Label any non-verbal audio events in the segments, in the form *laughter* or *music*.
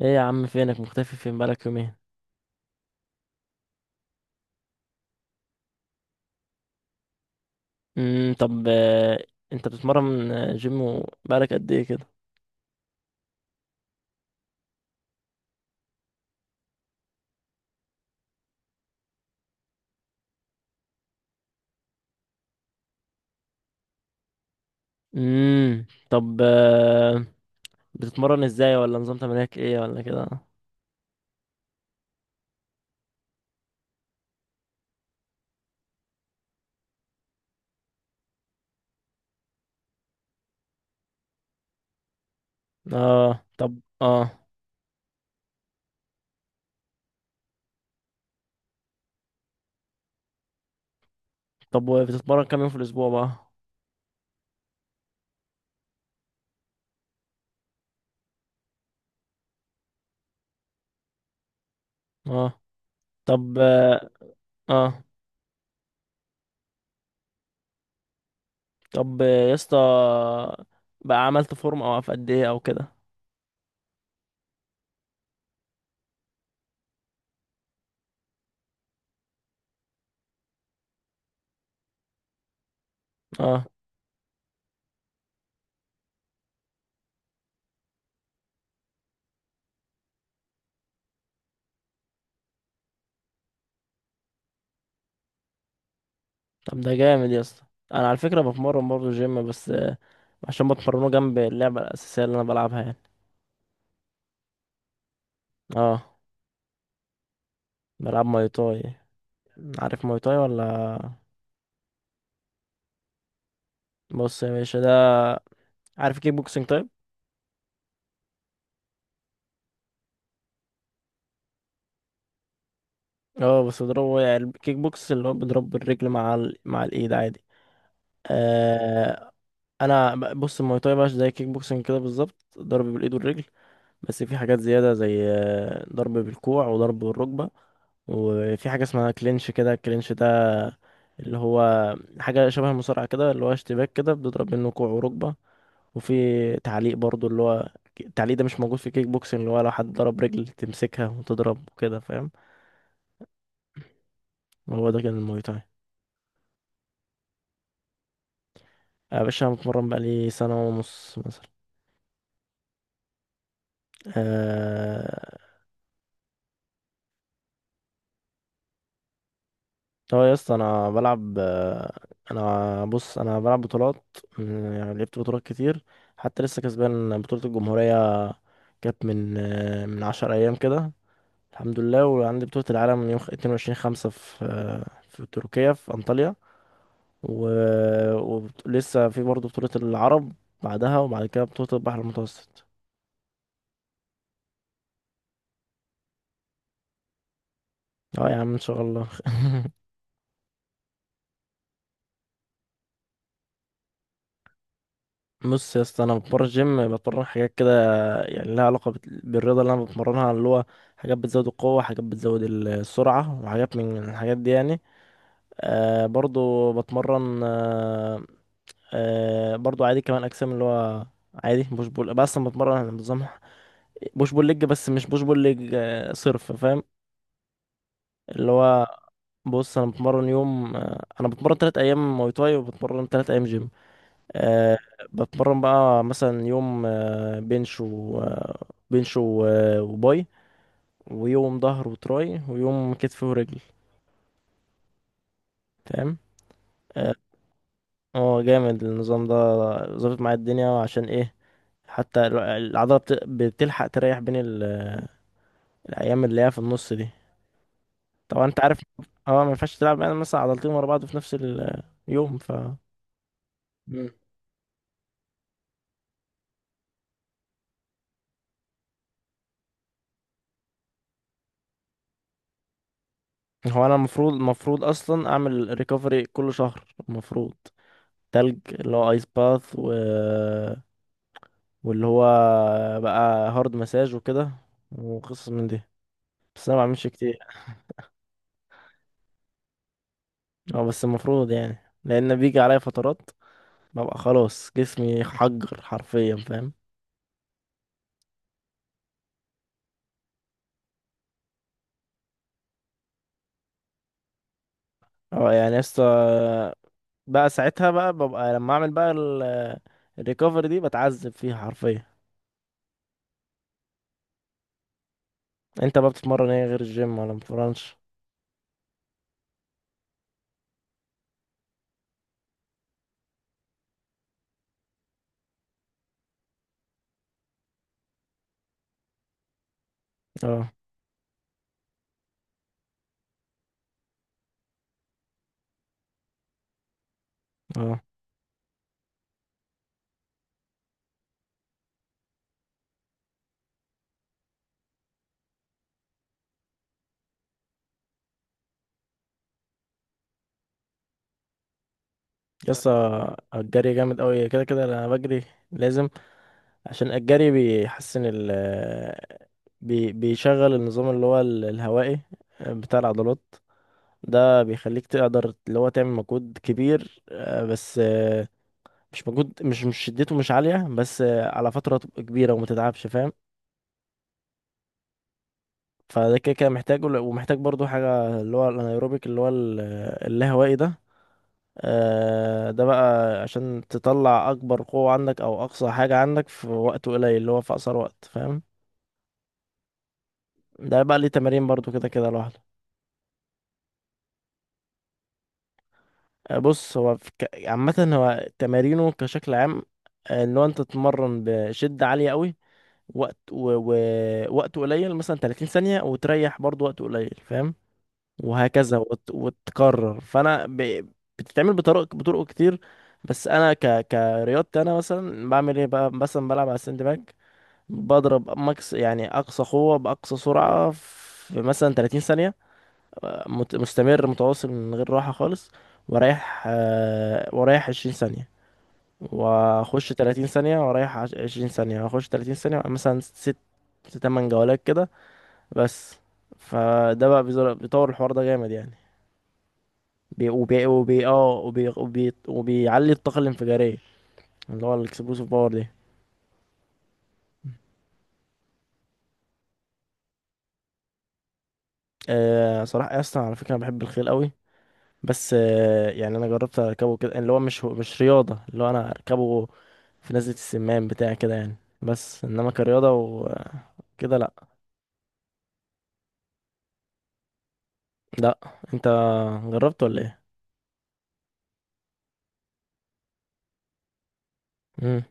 ايه يا عم، فينك مختفي؟ فين بقالك يومين؟ طب آه. انت بتتمرن آه، جيم و- بقالك قد ايه كده؟ طب آه. بتتمرن ازاي؟ ولا نظام تمرينك ايه ولا كده؟ اه طب اه. طب بتتمرن كام يوم في الاسبوع بقى؟ اه طب اه. آه، طب آه، يا اسطى، بقى عملت فورم او في قد ايه او كده؟ اه طب ده جامد يا اسطى. انا على فكره بتمرن برضه جيم بس عشان بتمرنه جنب اللعبه الاساسيه اللي انا بلعبها يعني. اه، بلعب ماي تاي. عارف ماي تاي ولا؟ بص يا باشا ده، عارف كيك بوكسينج طيب؟ اه بس بضربه، يعني الكيك بوكس اللي هو بضرب بالرجل مع مع الايد عادي. آه. بص الماي تاي بقى زي كيك بوكسينج كده بالظبط، ضرب بالايد والرجل. بس في حاجات زياده، زي ضرب بالكوع وضرب بالركبه. وفي حاجه اسمها كلينش كده، الكلينش ده اللي هو حاجه شبه المصارعه كده، اللي هو اشتباك كده بتضرب منه كوع وركبه. وفي تعليق برضو، اللي هو التعليق ده مش موجود في كيك بوكسنج، اللي هو لو حد ضرب رجل تمسكها وتضرب وكده فاهم. هو ده كان الموي تاي. يا باشا أنا بتمرن بقالي سنة ونص مثلا. آه. هو يا اسطى أنا بلعب آه، أنا بص، أنا بلعب بطولات م- يعني لعبت بطولات كتير. حتى لسه كسبان بطولة الجمهورية، كانت من من 10 أيام كده، الحمد لله. وعندي بطولة العالم من يوم 22/5 في في تركيا في أنطاليا. و... ولسه في برضه بطولة العرب بعدها، وبعد كده بطولة البحر المتوسط. اه يا عم ان شاء الله. *laughs* بص يا اسطى، انا بتمرن جيم، بتمرن حاجات كده يعني لها علاقة بالرياضة اللي انا بتمرنها، اللي هو حاجات بتزود القوة، حاجات بتزود السرعة، وحاجات من الحاجات دي يعني. آه برضو بتمرن آه، آه برضو عادي كمان اجسام، اللي هو عادي بوش بول، بس انا بتمرن على نظام بوش بول ليج. بس مش بوش بول ليج آه صرف فاهم. اللي هو، بص انا بتمرن يوم آه، انا بتمرن تلات ايام مواي تاي وبتمرن تلات ايام جيم. أه. بتمرن بقى مثلا يوم آه، بنش و آه، بنش و- آه، وباي، ويوم ظهر وتراي، ويوم كتف ورجل. تمام. اه. آه، جامد النظام ده. ظابط معايا الدنيا، عشان ايه؟ حتى العضلة بتلحق تريح بين الأيام اللي هي في النص دي. طبعا أنت عارف، اه، ما ينفعش تلعب يعني مثلا عضلتين ورا بعض في نفس اليوم ف... هو انا المفروض، اصلا اعمل ريكفري كل شهر المفروض. تلج اللي هو ايس باث واللي هو بقى هارد مساج وكده، وقصص من دي، بس انا ما بعملش كتير. اه بس المفروض يعني، لان بيجي عليا فترات ببقى خلاص جسمي حجر حرفيا فاهم. اه يعني يا اسطى، بقى ساعتها بقى ببقى لما اعمل بقى الريكفري دي بتعذب فيها حرفيا. انت بقى بتتمرن ايه غير الجيم ولا مبتتمرنش؟ اه اه. يسطا الجري جامد قوي، كده كده انا بجري، لازم. عشان الجري بيحسن ال بي بيشغل النظام اللي هو الهوائي، آه، بتاع العضلات. ده بيخليك تقدر اللي هو تعمل مجهود كبير، آه، بس آه، مش مجهود، مش شدته مش عالية، بس آه، على فترة تبقى كبيرة وما تتعبش فاهم. فده كده كده محتاجه، ومحتاج برضو حاجة اللي هو الانايروبيك اللي هو اللاهوائي ده. آه، ده بقى عشان تطلع اكبر قوة عندك او اقصى حاجة عندك في وقت قليل، اللي هو في اقصر وقت فاهم. ده بقى ليه تمارين برضو كده كده لوحده. آه، بص هو في عامة هو تمارينه كشكل عام، آه، ان هو انت تتمرن بشدة عالية قوي، وقت و... و... وقت قليل، مثلا 30 ثانية، وتريح برضو وقت قليل فاهم، وهكذا وتكرر. بتتعمل بطرق، بطرق كتير. بس انا كرياضتي انا مثلا بعمل ايه بقى؟ مثلا بلعب على الساند باج، بضرب ماكس، يعني اقصى قوة باقصى سرعة في مثلا 30 ثانية، مستمر متواصل من غير راحة خالص. ورايح ورايح 20 ثانية، واخش 30 ثانية، ورايح 20 ثانية، واخش 30 ثانية، مثلا ست تمن جولات كده بس. فده بقى بيطور الحوار ده جامد يعني. بي وبي وبي اه وبي وبي وبيعلي الطاقة الانفجارية، اللي هو الاكسبلوسيف باور دي. آه، صراحة اصلا على فكرة، أنا بحب الخيل قوي. بس آه، يعني انا جربت اركبه كده، اللي هو مش رياضه، اللي هو انا اركبه في نزله السمان بتاع كده يعني. بس انما كرياضه وكده، لا. لا. انت جربت ولا ايه؟ امم.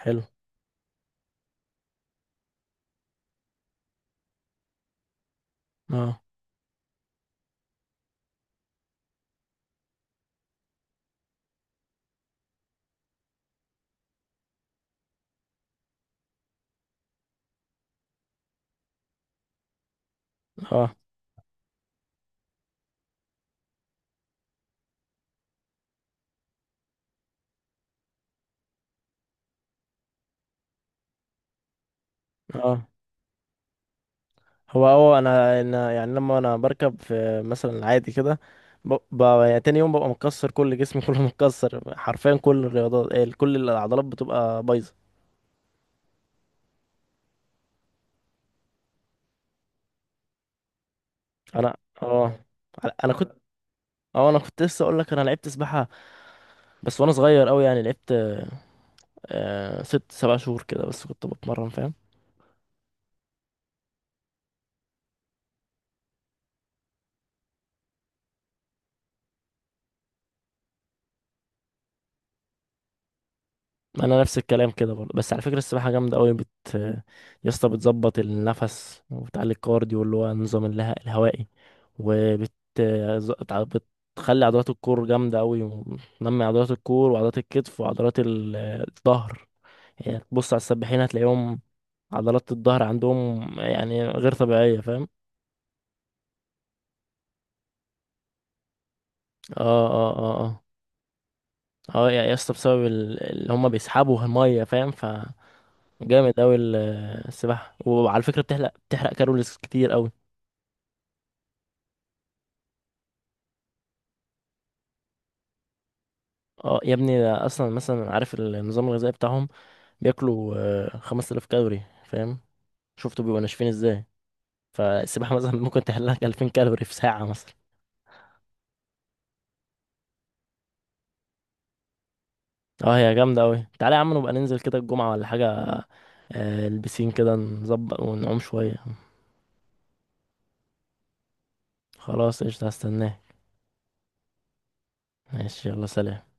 حلو. اه اه اه. هو اه، انا يعني لما انا بركب في مثلا عادي كده، يعني تاني يوم ببقى مكسر كل جسمي *laughs* كله متكسر حرفيا، كل الرياضات إيه، كل العضلات بتبقى بايظه. انا اه، انا كنت اه انا كنت لسه اقول لك انا لعبت سباحه. بس وانا صغير قوي، يعني لعبت 6 7 شهور كده، بس كنت بتمرن فاهم. انا نفس الكلام كده برضه. بس على فكره، السباحه جامده قوي بت يا اسطى بتظبط النفس، وبتعلي الكارديو اللي هو النظام الهوائي، وبت ز- تع- بتخلي عضلات الكور جامده قوي، وتنمي عضلات الكور وعضلات الكتف وعضلات الظهر. يعني تبص على السباحين هتلاقيهم عضلات الظهر عندهم يعني غير طبيعيه فاهم. اه اه اه. آه. اه يا اسطى، بسبب اللي هم بيسحبوا الميه فاهم، فجامد اوي السباحه. وعلى فكره بتحرق، بتحرق كالوريز كتير اوي. اه يا ابني، ده اصلا مثلا عارف النظام الغذائي بتاعهم؟ بياكلوا 5000 كالوري فاهم، شفتوا بيبقوا ناشفين ازاي. فالسباحه *laughs* مثلا ممكن تحرق لك 2000 كالوري في ساعه مثلا. اه هي جامده اوي. تعالى يا عم نبقى ننزل كده الجمعه ولا حاجه، آه، البسين كده نظبط ونعوم شويه. خلاص قشطه هستناه. ماشي يلا سلام.